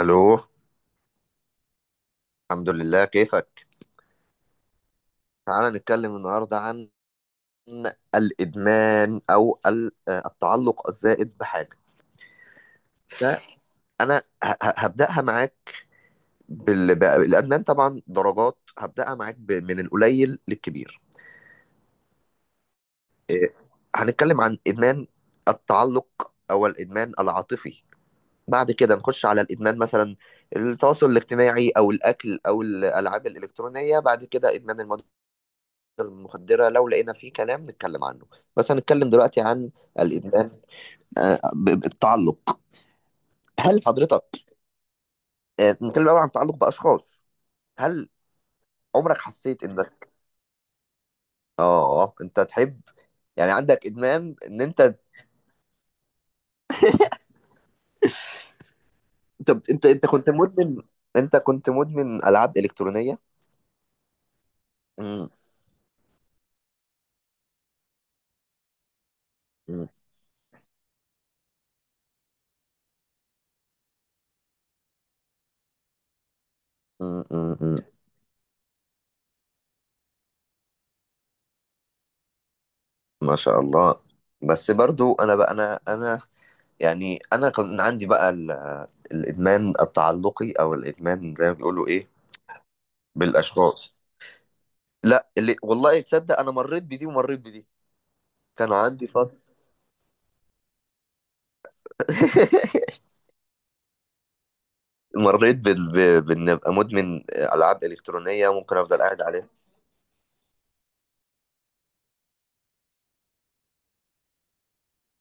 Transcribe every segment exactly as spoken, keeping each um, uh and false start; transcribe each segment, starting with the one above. الو. الحمد لله، كيفك؟ تعال نتكلم النهارده عن الادمان او ال- آه، التعلق الزائد بحاجه. فانا ه- ه- هبداها معاك بال... بقى- الادمان طبعا درجات، هبداها معاك ب... من القليل للكبير. إيه، هنتكلم عن ادمان التعلق او الادمان العاطفي، بعد كده نخش على الادمان مثلا التواصل الاجتماعي او الاكل او الالعاب الالكترونيه، بعد كده ادمان المواد المخدرة لو لقينا فيه كلام نتكلم عنه. بس هنتكلم دلوقتي عن الإدمان، آه، ب- ب- التعلق. هل حضرتك آه، نتكلم الأول عن التعلق بأشخاص. هل عمرك حسيت إنك آه أنت تحب؟ يعني عندك إدمان إن أنت؟ أنت أنت, انت كنت مدمن؟ أنت كنت مدمن ألعاب إلكترونية؟ مم. مم. مم. مم. مم. ما شاء الله. بس برضو أنا بقى أنا أنا يعني أنا كان عندي بقى ال- الإدمان التعلقي أو الإدمان زي ما بيقولوا إيه. بالاشخاص. لا اللي والله تصدق انا مريت بدي ومريت بدي. كان عندي فتره مريت بال... ب- بان ابقى مدمن العاب الكترونيه، ممكن افضل قاعد عليها.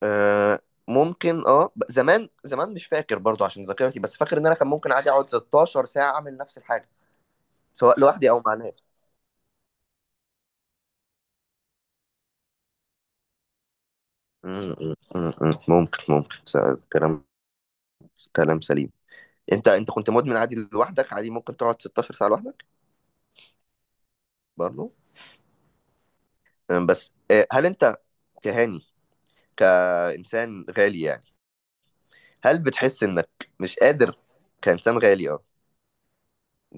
أه. ممكن اه ب- زمان زمان مش فاكر برضو عشان ذاكرتي، بس فاكر ان انا كان ممكن عادي اقعد ستاشر ساعه اعمل نفس الحاجه، سواء لوحدي او مع ناس. م- م- م- م. ممكن، ممكن س- كلام، كلام سليم. انت انت كنت مدمن عادي لوحدك؟ عادي ممكن تقعد ست عشرة ساعه لوحدك برضو؟ أه، بس أه، هل انت كهاني كإنسان غالي يعني؟ هل بتحس إنك مش قادر كإنسان غالي أه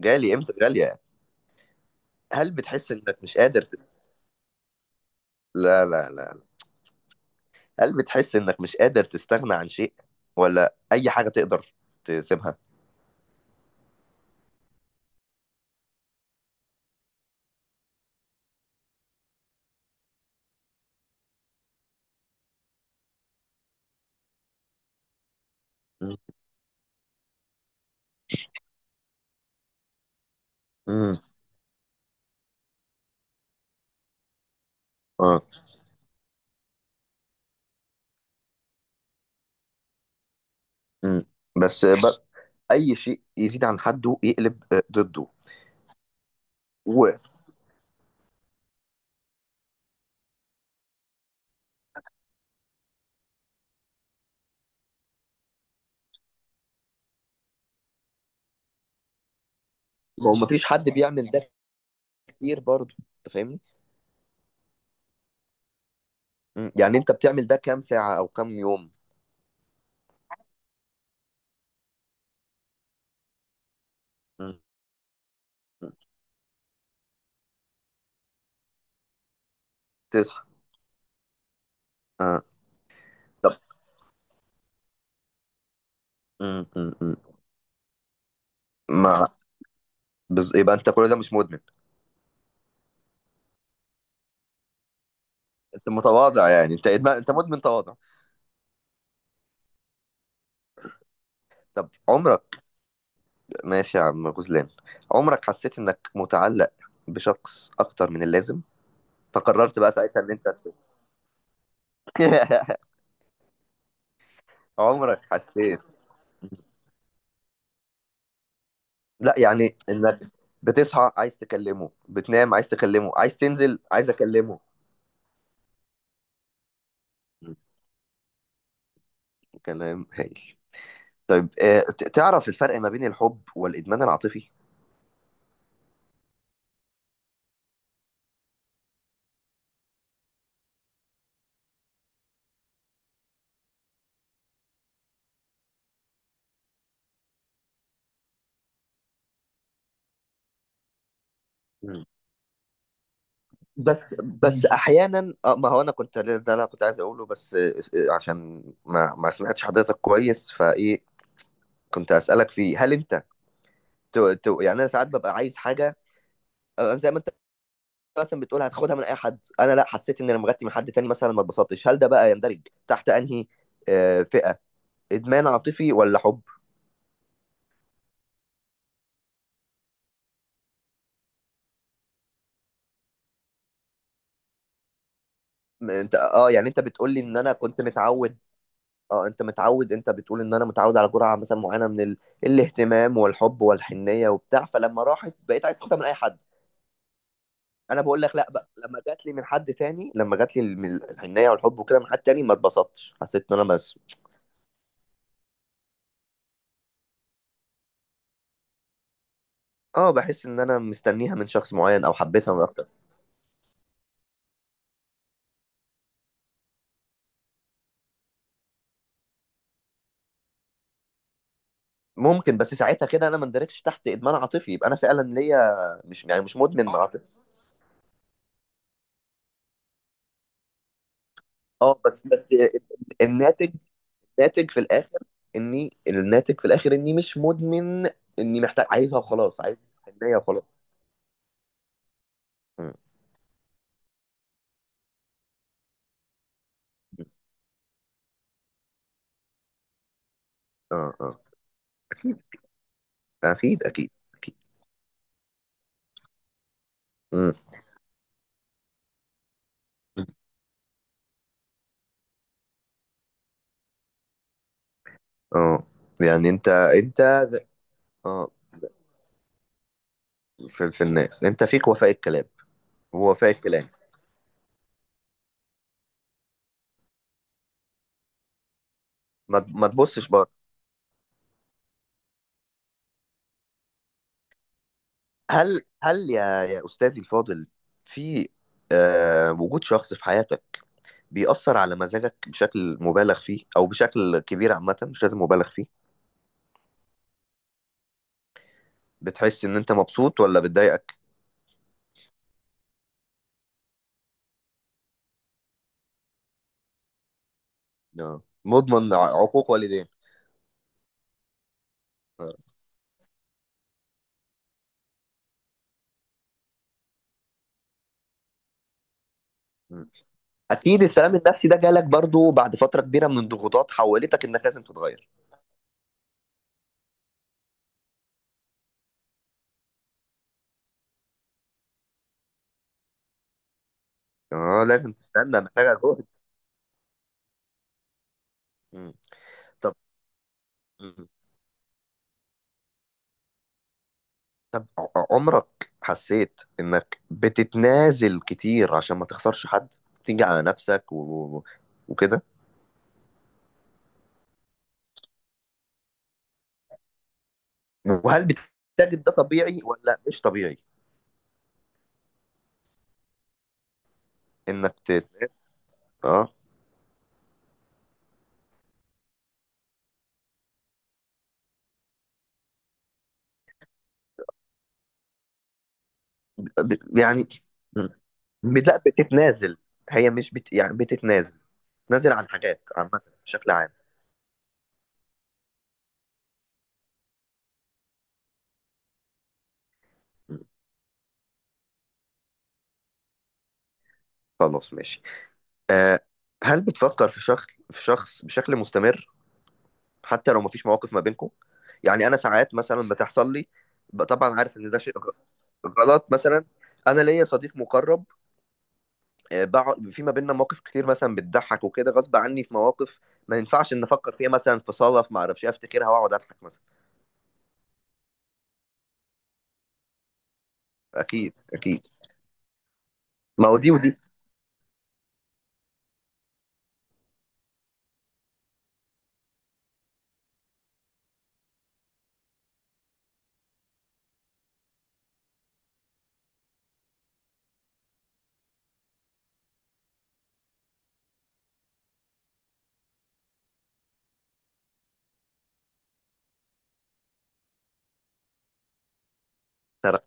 غالي قيمته غالية يعني؟ هل بتحس إنك مش قادر تست... لا لا لا، هل بتحس إنك مش قادر تستغنى عن شيء ولا أي حاجة تقدر تسيبها؟ مم. مم. اه. مم. بس ب... أي شيء يزيد عن حده يقلب آه، ضده. وما فيش حد بيعمل ده كتير برضه، أنت فاهمني؟ مم. يعني أنت بتعمل ده كام ساعة أو كام يوم؟ مم. تصحى. اه. طب م- م- م. ما بز... يبقى انت كل ده مش مدمن؟ انت متواضع يعني، انت إدمان... انت مدمن تواضع. طب عمرك، ماشي يا عم غزلان، عمرك حسيت انك متعلق بشخص اكتر من اللازم، فقررت بقى ساعتها ان انت؟ عمرك حسيت، لا يعني، انك بتصحى عايز تكلمه، بتنام عايز تكلمه، عايز تنزل عايز اكلمه؟ م. كلام هايل. طيب آه، ت- تعرف الفرق ما بين الحب والادمان العاطفي؟ بس بس احيانا، آه، ما هو انا كنت، ده اللي انا كنت عايز اقوله، بس آه، آه، عشان ما ما سمعتش حضرتك كويس فايه كنت اسالك فيه. هل انت ت- ت- يعني انا ساعات ببقى عايز حاجه، آه، زي ما انت مثلا بتقول هتاخدها من اي حد. انا لا، حسيت ان انا مغطي من حد تاني، مثلا ما اتبسطتش. هل ده بقى يندرج تحت انهي آه، فئه، ادمان عاطفي ولا حب؟ م- انت اه يعني انت بتقول لي ان انا كنت متعود. اه انت متعود، انت بتقول ان انا متعود على جرعه مثلا معينه من ال... الاهتمام والحب والحنيه وبتاع، فلما راحت بقيت عايز تاخدها من اي حد. انا بقول لك لا بقى، لما جات لي من حد تاني، لما جات لي من الحنيه والحب وكده من حد تاني ما اتبسطتش، حسيت ان انا بس، اه، بحس ان انا مستنيها من شخص معين او حبيتها من اكتر. ممكن، بس ساعتها كده انا ما اندركش تحت ادمان عاطفي، يبقى انا فعلا ليا، مش يعني، مش مدمن اه عاطفي. اه بس بس، الناتج، ناتج في الاخر اني، الناتج في الاخر اني مش مدمن، اني محتاج، عايزها وخلاص، عايز حنيه وخلاص. مم. اه، اه، اكيد، اكيد، اكيد. مم. اه يعني انت انت زي، اه في، في الناس انت فيك وفاء الكلام، ووفاء الكلام. ما, ما تبصش بره. هل هل يا يا استاذي الفاضل، في آه وجود شخص في حياتك بيأثر على مزاجك بشكل مبالغ فيه او بشكل كبير، عامة مش لازم مبالغ فيه، بتحس ان انت مبسوط ولا بتضايقك؟ آه. مضمن ع- عقوق والدين. آه. م. اكيد السلام النفسي ده جالك برضو بعد فتره كبيره من الضغوطات حولتك انك لازم تتغير. اه لازم تستنى، محتاجه جهد. م. طب. م. طب ع- عمرك حسيت انك بتتنازل كتير عشان ما تخسرش حد، تيجي على نفسك و... و- وكده؟ وهل بتجد ده طبيعي ولا مش طبيعي؟ انك ت... اه. ب... يعني. م. لا بتتنازل، هي مش بت، يعني بتتنازل، نازل عن حاجات عامة بشكل عام. م. خلاص ماشي. آه، هل بتفكر في شخص، في شخص بشكل مستمر، حتى لو مفيش مواقف ما بينكم؟ يعني انا ساعات مثلا بتحصل لي، ب- طبعا عارف ان ده شيء غ- غلط مثلا، انا ليا صديق مقرب، آه، بقعد في ما بيننا مواقف كتير مثلا بتضحك وكده، غصب عني في مواقف ما ينفعش ان افكر فيها، مثلا في صدف ما اعرفش إيه، افتكرها واقعد اضحك مثلا. اكيد اكيد. ما هو دي ودي.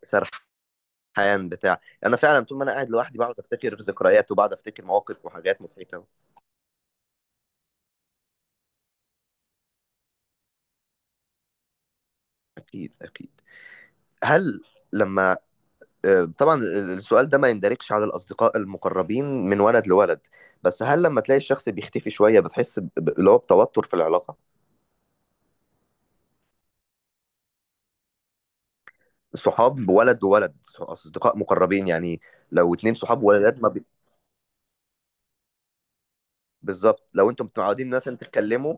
سر- حيان بتاع، انا فعلا طول ما انا قاعد لوحدي بقعد افتكر ذكريات وبقعد افتكر مواقف وحاجات مضحكه. اكيد اكيد. هل لما، آه، طبعا السؤال ده ما يندرجش على الاصدقاء المقربين من ولد لولد، بس هل لما تلاقي الشخص بيختفي شويه بتحس ب- ب- اللي هو بتوتر في العلاقه؟ صحاب ولد وولد، ص- اصدقاء مقربين يعني، لو اتنين صحاب ولدات ما بي... بالظبط. لو انتم متعودين مثلا تتكلموا،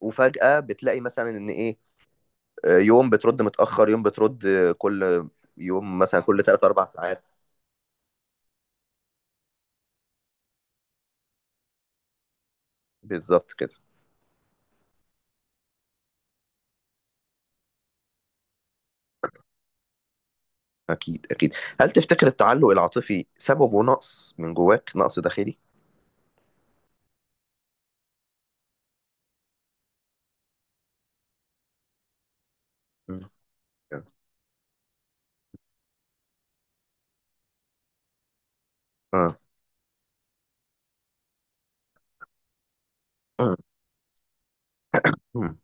وفجاه بتلاقي مثلا ان ايه، يوم بترد متأخر، يوم بترد كل يوم مثلا كل تلات اربعة ساعات. بالظبط كده. اكيد اكيد. هل تفتكر التعلق العاطفي سببه نقص من جواك، نقص داخلي؟ مم. اه. مم. مم.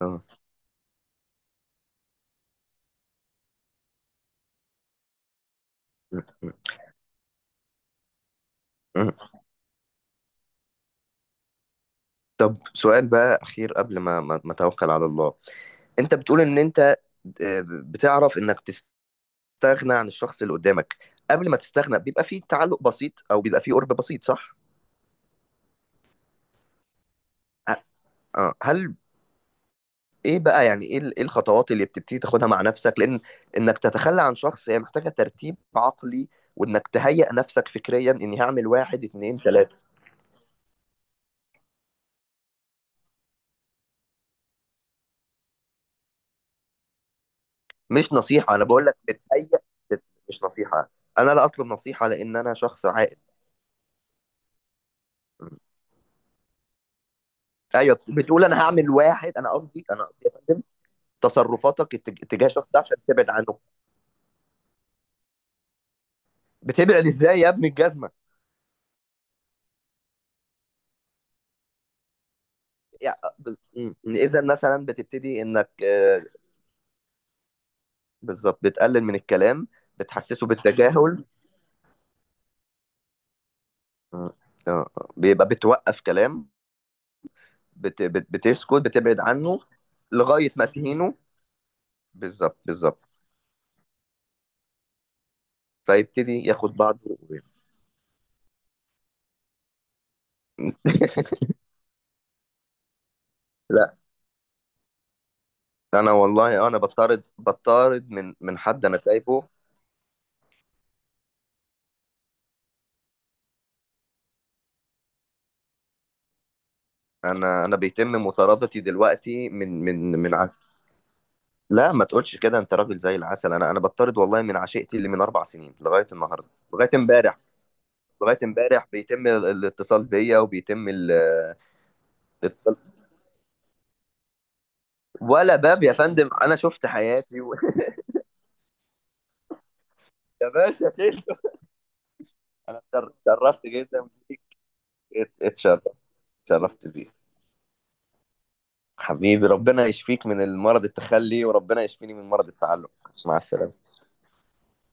اه. مم. مم. مم. طب سؤال بقى اخير قبل ما ما ما اتوكل على الله. انت بتقول ان انت، آه، بتعرف انك تستغنى عن الشخص اللي قدامك. قبل ما تستغنى بيبقى فيه تعلق بسيط او بيبقى فيه قرب بسيط، صح؟ ه- اه هل ايه بقى، يعني ايه ال- إيه الخطوات اللي بتبتدي تاخدها مع نفسك؟ لان انك تتخلى عن شخص هي محتاجة ترتيب عقلي، وانك تهيئ نفسك فكريا اني هعمل واحد اتنين تلاتة. مش نصيحة، انا بقول لك بتهيئ، بت- مش نصيحة، انا لا اطلب نصيحة لان انا شخص عاقل. ايوه، بتقول انا هعمل واحد، انا قصدي انا قصدي يا فندم، تصرفاتك اتج- اتجاه الشخص ده عشان تبعد عنه. بتبعد ازاي يا ابن الجزمة؟ يعني، اذا مثلا بتبتدي انك آه، بالظبط، بتقلل من الكلام، بتحسسه بالتجاهل. مم. آه. بيبقى بتوقف كلام. بت... بت... بتسكت، بتبعد عنه، لغاية ما تهينه، بالظبط بالظبط، فيبتدي ياخد بعضه ويمشي. لا انا والله انا بطارد، بطارد من من حد انا سايبه. انا انا بيتم مطاردتي دلوقتي من من من ع... لا ما تقولش كده، انت راجل زي العسل. انا انا بطارد والله من عشيقتي، اللي من اربع سنين لغايه النهارده لغايه امبارح، لغايه امبارح بيتم ال- الاتصال بيا وبيتم ال- الاتصال، ولا باب يا فندم، انا شفت حياتي. يا باشا شيله. انا تشر- تشرفت جدا بيك. ات- اتشرف، تشرفت بيك حبيبي. ربنا يشفيك من المرض التخلي، وربنا يشفيني من مرض التعلق. مع السلامة.